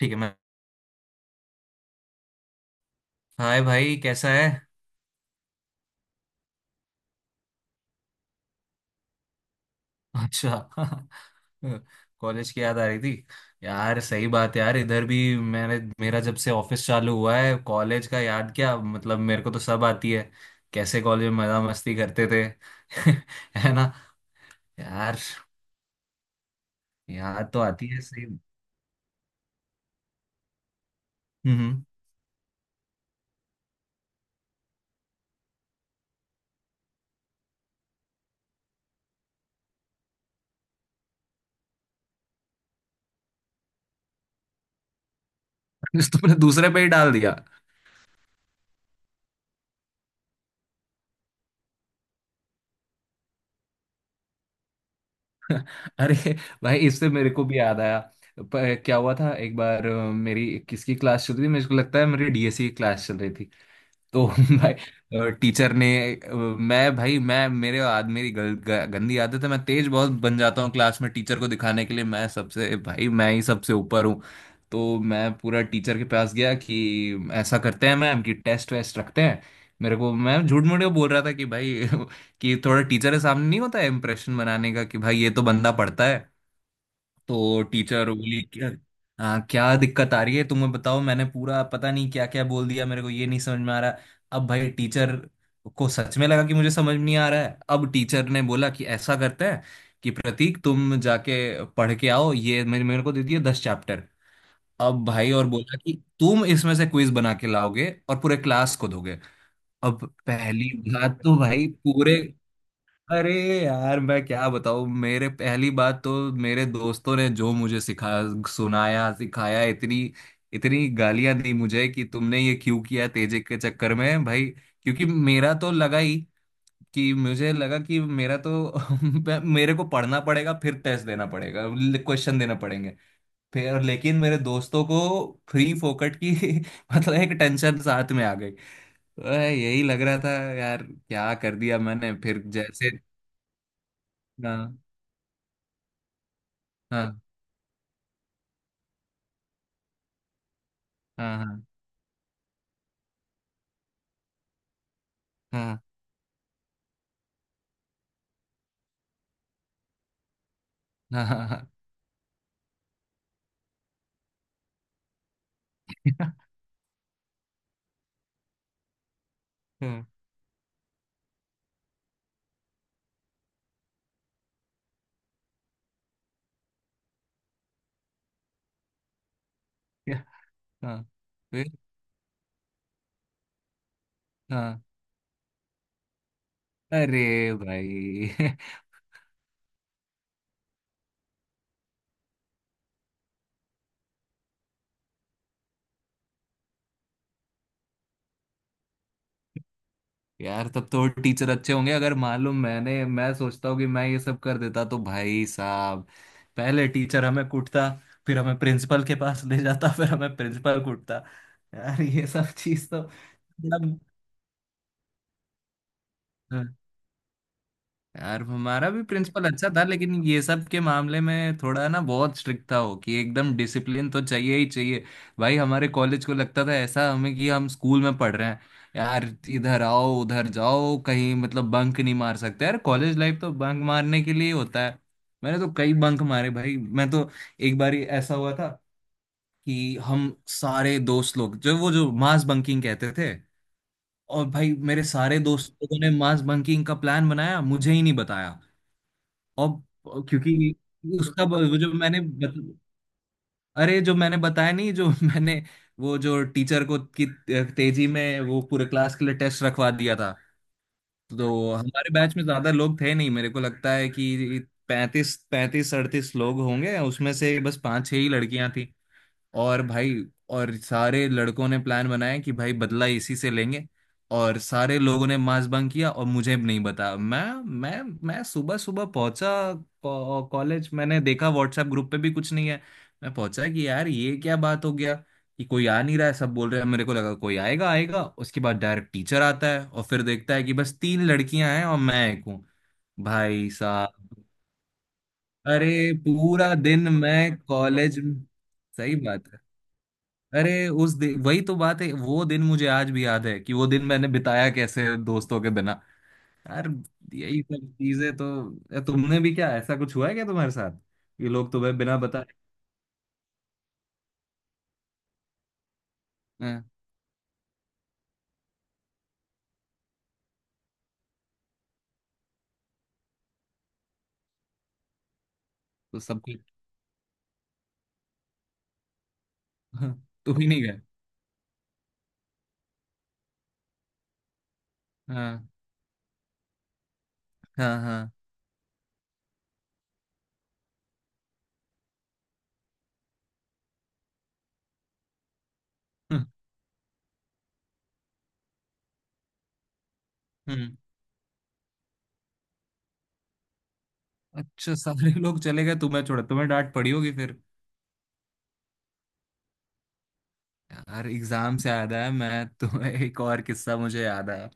ठीक है। मैं हाय भाई, कैसा है? अच्छा। कॉलेज की याद आ रही थी। यार, सही बात है यार, इधर भी मैंने, मेरा जब से ऑफिस चालू हुआ है, कॉलेज का याद, क्या मतलब, मेरे को तो सब आती है, कैसे कॉलेज में मजा मस्ती करते थे। है ना यार? याद तो आती है सही। हम्म। तुमने दूसरे पे ही डाल दिया। अरे भाई, इससे मेरे को भी याद आया। क्या हुआ था एक बार, मेरी किसकी क्लास चल रही थी, मेरे को लगता है मेरी डीएससी की क्लास चल रही थी। तो भाई, टीचर ने, मैं भाई, मैं, मेरे आद मेरी गंदी आदत है, मैं तेज बहुत बन जाता हूँ क्लास में, टीचर को दिखाने के लिए मैं सबसे, भाई मैं ही सबसे ऊपर हूँ। तो मैं पूरा टीचर के पास गया कि ऐसा करते हैं मैम, कि टेस्ट वेस्ट रखते हैं। मेरे को, मैं झूठ मूठ बोल रहा था कि भाई कि थोड़ा टीचर के सामने नहीं होता है इम्प्रेशन बनाने का कि भाई ये तो बंदा पढ़ता है। तो टीचर बोली क्या। हाँ, क्या दिक्कत आ रही है तुम्हें, बताओ। मैंने पूरा पता नहीं क्या क्या बोल दिया, मेरे को ये नहीं समझ में आ रहा। अब भाई टीचर को सच में लगा कि मुझे समझ में नहीं आ रहा है। अब टीचर ने बोला कि ऐसा करते हैं कि प्रतीक तुम जाके पढ़ के आओ, ये मेरे मेरे को दे दिए 10 चैप्टर। अब भाई और बोला कि तुम इसमें से क्विज बना के लाओगे और पूरे क्लास को दोगे। अब पहली बात तो भाई पूरे, अरे यार मैं क्या बताऊँ, मेरे पहली बात तो मेरे दोस्तों ने जो मुझे सिखा सुनाया सिखाया, इतनी इतनी गालियां दी मुझे कि तुमने ये क्यों किया तेजिक के चक्कर में भाई, क्योंकि मेरा तो लगा ही, कि मुझे लगा कि मेरा तो, मेरे को पढ़ना पड़ेगा, फिर टेस्ट देना पड़ेगा, क्वेश्चन देना पड़ेंगे, फिर। लेकिन मेरे दोस्तों को फ्री फोकट की मतलब एक टेंशन साथ में आ गई। अरे यही लग रहा था यार, क्या कर दिया मैंने, फिर जैसे। हाँ, हाँ, हाँ, हाँ, हाँ, हाँ, हाँ, हाँ, क्या- हाँ, क्या- हाँ, फिर हाँ। अरे भाई। यार, तब तो टीचर अच्छे होंगे, अगर मालूम मैंने, मैं सोचता हूँ कि मैं ये सब कर देता तो भाई साहब, पहले टीचर हमें कूटता, फिर हमें प्रिंसिपल के पास ले जाता, फिर हमें प्रिंसिपल कूटता। यार ये सब चीज तो मतलब। हाँ। यार हमारा भी प्रिंसिपल अच्छा था, लेकिन ये सब के मामले में थोड़ा ना बहुत स्ट्रिक्ट था, हो कि एकदम डिसिप्लिन तो चाहिए ही चाहिए। भाई हमारे कॉलेज को लगता था ऐसा हमें कि हम स्कूल में पढ़ रहे हैं। यार इधर आओ उधर जाओ कहीं, मतलब बंक नहीं मार सकते, यार कॉलेज लाइफ तो बंक मारने के लिए ही होता है। मैंने तो कई बंक मारे भाई, मैं तो एक बार ऐसा हुआ था कि हम सारे दोस्त लोग जो, वो जो मास बंकिंग कहते थे, और भाई मेरे सारे दोस्त लोगों ने मास बंकिंग का प्लान बनाया, मुझे ही नहीं बताया। और क्योंकि उसका वो जो मैंने अरे जो मैंने बताया नहीं, जो मैंने वो जो टीचर को की तेजी में वो पूरे क्लास के लिए टेस्ट रखवा दिया था। तो हमारे बैच में ज्यादा लोग थे नहीं, मेरे को लगता है कि पैंतीस, पैंतीस, अड़तीस लोग होंगे, उसमें से बस पांच छह ही लड़कियां थी। और भाई, और सारे लड़कों ने प्लान बनाया कि भाई बदला इसी से लेंगे, और सारे लोगों ने मास बंक किया और मुझे भी नहीं बताया। मैं मैं सुबह सुबह पहुंचा कॉलेज, मैंने देखा व्हाट्सएप ग्रुप पे भी कुछ नहीं है। मैं पहुंचा कि यार ये क्या बात हो गया कि कोई आ नहीं रहा है, सब बोल रहे हैं, मेरे को लगा कोई आएगा आएगा। उसके बाद डायरेक्ट टीचर आता है और फिर देखता है कि बस तीन लड़कियां हैं और मैं एक हूँ। भाई साहब, अरे पूरा दिन मैं कॉलेज। सही बात। अरे उस दिन, वही तो बात है, वो दिन मुझे आज भी याद है कि वो दिन मैंने बिताया कैसे दोस्तों के बिना। यार, यही सब चीजें, तो तुमने भी क्या ऐसा कुछ हुआ है क्या तुम्हारे साथ, ये लोग तुम्हें बिना बताए। हाँ, तो सब कुछ। हाँ, तुम ही नहीं गए। हाँ, हाँ, हाँ। हम्म। हम्म। अच्छा, सारे लोग चले गए, तुम्हें छोड़ा, तुम्हें डांट पड़ी होगी फिर। यार एग्जाम से याद आया, मैं तुम्हें एक और किस्सा मुझे याद आया।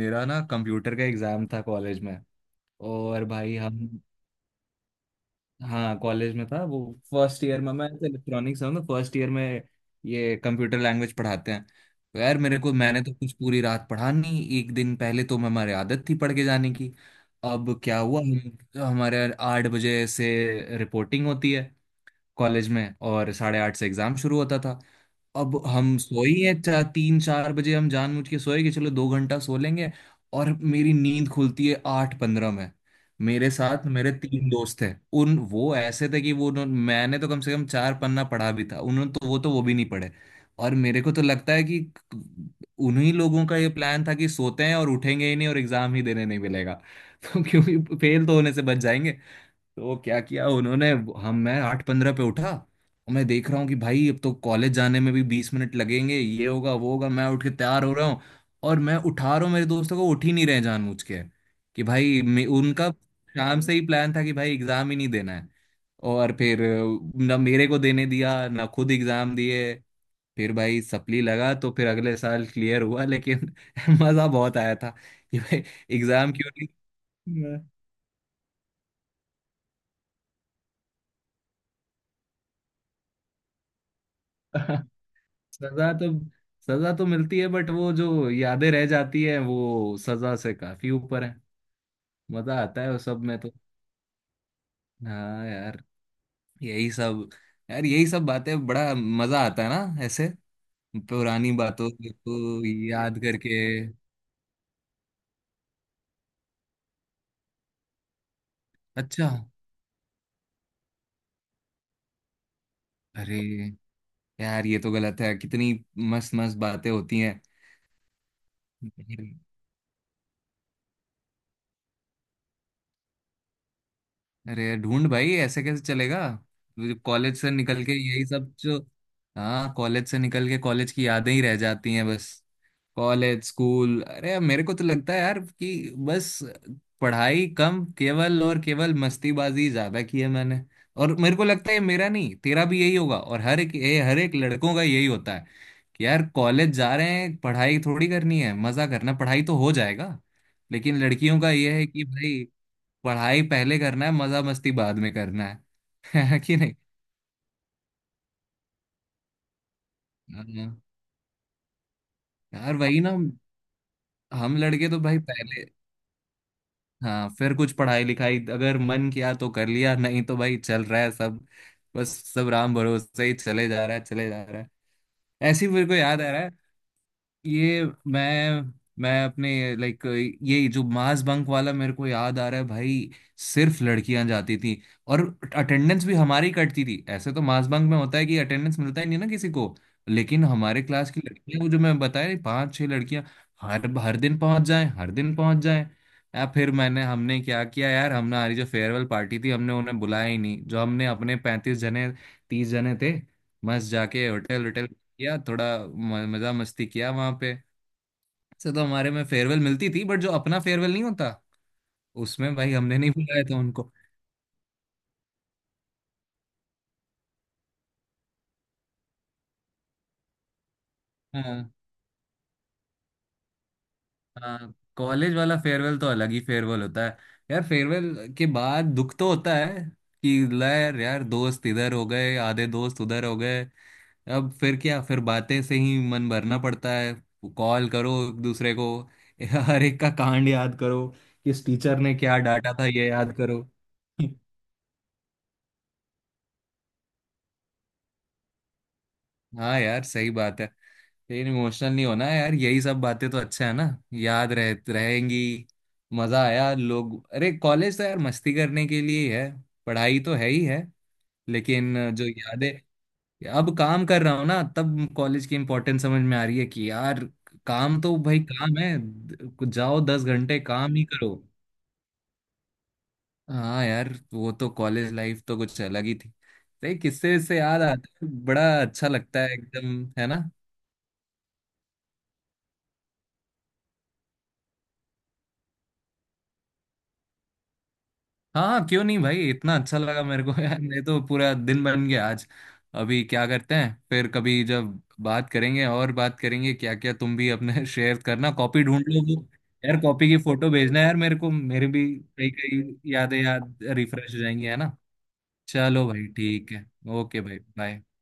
मेरा ना कंप्यूटर का एग्जाम था कॉलेज में, और भाई हम। हाँ, कॉलेज में था वो। फर्स्ट ईयर में मैं इलेक्ट्रॉनिक्स हूँ ना, फर्स्ट ईयर में ये कंप्यूटर लैंग्वेज पढ़ाते हैं। तो यार मेरे को, मैंने तो कुछ पूरी रात पढ़ा नहीं, एक दिन पहले तो हमारी आदत थी पढ़ के जाने की। अब क्या हुआ, हम हमारे 8 बजे से रिपोर्टिंग होती है कॉलेज में, और 8:30 से एग्जाम शुरू होता था। अब हम सोई हैं चार, तीन चार बजे, हम जानबूझ के सोए कि चलो 2 घंटा सो लेंगे, और मेरी नींद खुलती है 8:15 में। मेरे साथ मेरे तीन दोस्त थे, उन, वो ऐसे थे कि मैंने तो कम से कम चार पन्ना पढ़ा भी था, उन्होंने तो वो, तो वो भी नहीं पढ़े। और मेरे को तो लगता है कि उन्हीं लोगों का ये प्लान था कि सोते हैं और उठेंगे ही नहीं, और एग्जाम ही देने नहीं मिलेगा। तो क्योंकि फेल तो होने से बच जाएंगे। तो क्या किया उन्होंने, हम मैं 8:15 पे उठा, और मैं देख रहा हूँ कि भाई अब तो कॉलेज जाने में भी 20 मिनट लगेंगे, ये होगा वो होगा, मैं उठ के तैयार हो रहा हूँ। और मैं उठा रहा हूँ मेरे दोस्तों को, उठ ही नहीं रहे जानबूझ के। कि भाई उनका शाम से ही प्लान था कि भाई एग्जाम ही नहीं देना है। और फिर ना मेरे को देने दिया ना खुद एग्जाम दिए। फिर भाई सप्ली लगा, तो फिर अगले साल क्लियर हुआ, लेकिन मजा बहुत आया था कि भाई, एग्जाम क्यों नहीं। सजा तो, सजा तो मिलती है, बट वो जो यादें रह जाती है वो सजा से काफी ऊपर है। मजा आता है वो सब में तो। हाँ यार, यही सब, यार यही सब बातें, बड़ा मजा आता है ना ऐसे पुरानी बातों को याद करके। अच्छा। अरे यार, ये तो गलत है। कितनी मस्त मस्त बातें होती हैं। अरे यार, ढूंढ भाई, ऐसे कैसे चलेगा, कॉलेज से निकल के यही सब जो। हाँ, कॉलेज से निकल के कॉलेज की यादें ही रह जाती हैं बस। कॉलेज, स्कूल, अरे यार, मेरे को तो लगता है यार कि बस पढ़ाई कम, केवल और केवल मस्तीबाजी ज्यादा की है मैंने। और मेरे को लगता है ये मेरा नहीं, तेरा भी यही होगा, और हर एक, ये हर एक लड़कों का यही होता है कि यार कॉलेज जा रहे हैं, पढ़ाई थोड़ी करनी है, मजा करना, पढ़ाई तो हो जाएगा। लेकिन लड़कियों का ये है कि भाई पढ़ाई पहले करना है, मजा मस्ती बाद में करना है। है कि नहीं? हाँ, यार वही ना, हम लड़के तो भाई पहले। हाँ, फिर कुछ पढ़ाई लिखाई अगर मन किया तो कर लिया, नहीं तो भाई चल रहा है सब। बस सब राम भरोसे ही चले जा रहा है, चले जा रहा है। ऐसी मेरे को याद आ रहा है, ये मैं, अपने, लाइक, ये जो मास बंक वाला मेरे को याद आ रहा है भाई, सिर्फ लड़कियां जाती थी, और अटेंडेंस भी हमारी कटती थी। ऐसे तो मास बंक में होता है कि अटेंडेंस मिलता ही नहीं ना किसी को, लेकिन हमारे क्लास की लड़कियां, वो जो मैं बताया पांच छह लड़कियां, हर हर दिन पहुंच जाए, हर दिन पहुंच जाए। या फिर मैंने, हमने क्या किया यार, हमने हमारी जो फेयरवेल पार्टी थी, हमने उन्हें बुलाया ही नहीं। जो हमने अपने 35 जने, 30 जने थे, मस्त जाके होटल होटल किया, थोड़ा मजा मस्ती किया वहां पे। से तो हमारे में फेयरवेल मिलती थी, बट जो अपना फेयरवेल नहीं होता उसमें भाई हमने नहीं बुलाया था उनको। हाँ, हाँ, कॉलेज वाला फेयरवेल तो अलग ही फेयरवेल होता है। यार फेयरवेल के बाद दुख तो होता है कि यार, यार दोस्त इधर हो गए, आधे दोस्त उधर हो गए। अब फिर क्या, फिर बातें से ही मन भरना पड़ता है, कॉल करो एक दूसरे को। हर एक का कांड याद करो, किस टीचर ने क्या डांटा था ये याद करो। हाँ यार, सही बात है। फिर इमोशनल नहीं होना है यार, यही सब बातें तो अच्छा है ना, याद रह रहेंगी, मजा आया लोग। अरे कॉलेज तो यार मस्ती करने के लिए ही है, पढ़ाई तो है ही है, लेकिन जो यादें। अब काम कर रहा हूँ ना, तब कॉलेज की इंपॉर्टेंस समझ में आ रही है कि यार, काम तो भाई काम है, जाओ, 10 घंटे काम ही करो। हाँ यार, वो तो कॉलेज लाइफ तो कुछ अलग ही थी, तो ये किस्से से याद आता है बड़ा अच्छा लगता है एकदम, है ना? हाँ, हाँ, क्यों नहीं भाई, इतना अच्छा लगा मेरे को। यार ये तो पूरा दिन बन गया आज। अभी क्या करते हैं, फिर कभी जब बात करेंगे और बात करेंगे, क्या क्या, तुम भी अपने शेयर करना, कॉपी ढूंढ लो वो। यार कॉपी की फोटो भेजना यार मेरे को, मेरे भी कई कई यादें, याद रिफ्रेश हो जाएंगी, है ना? चलो भाई, ठीक है, ओके भाई, बाय।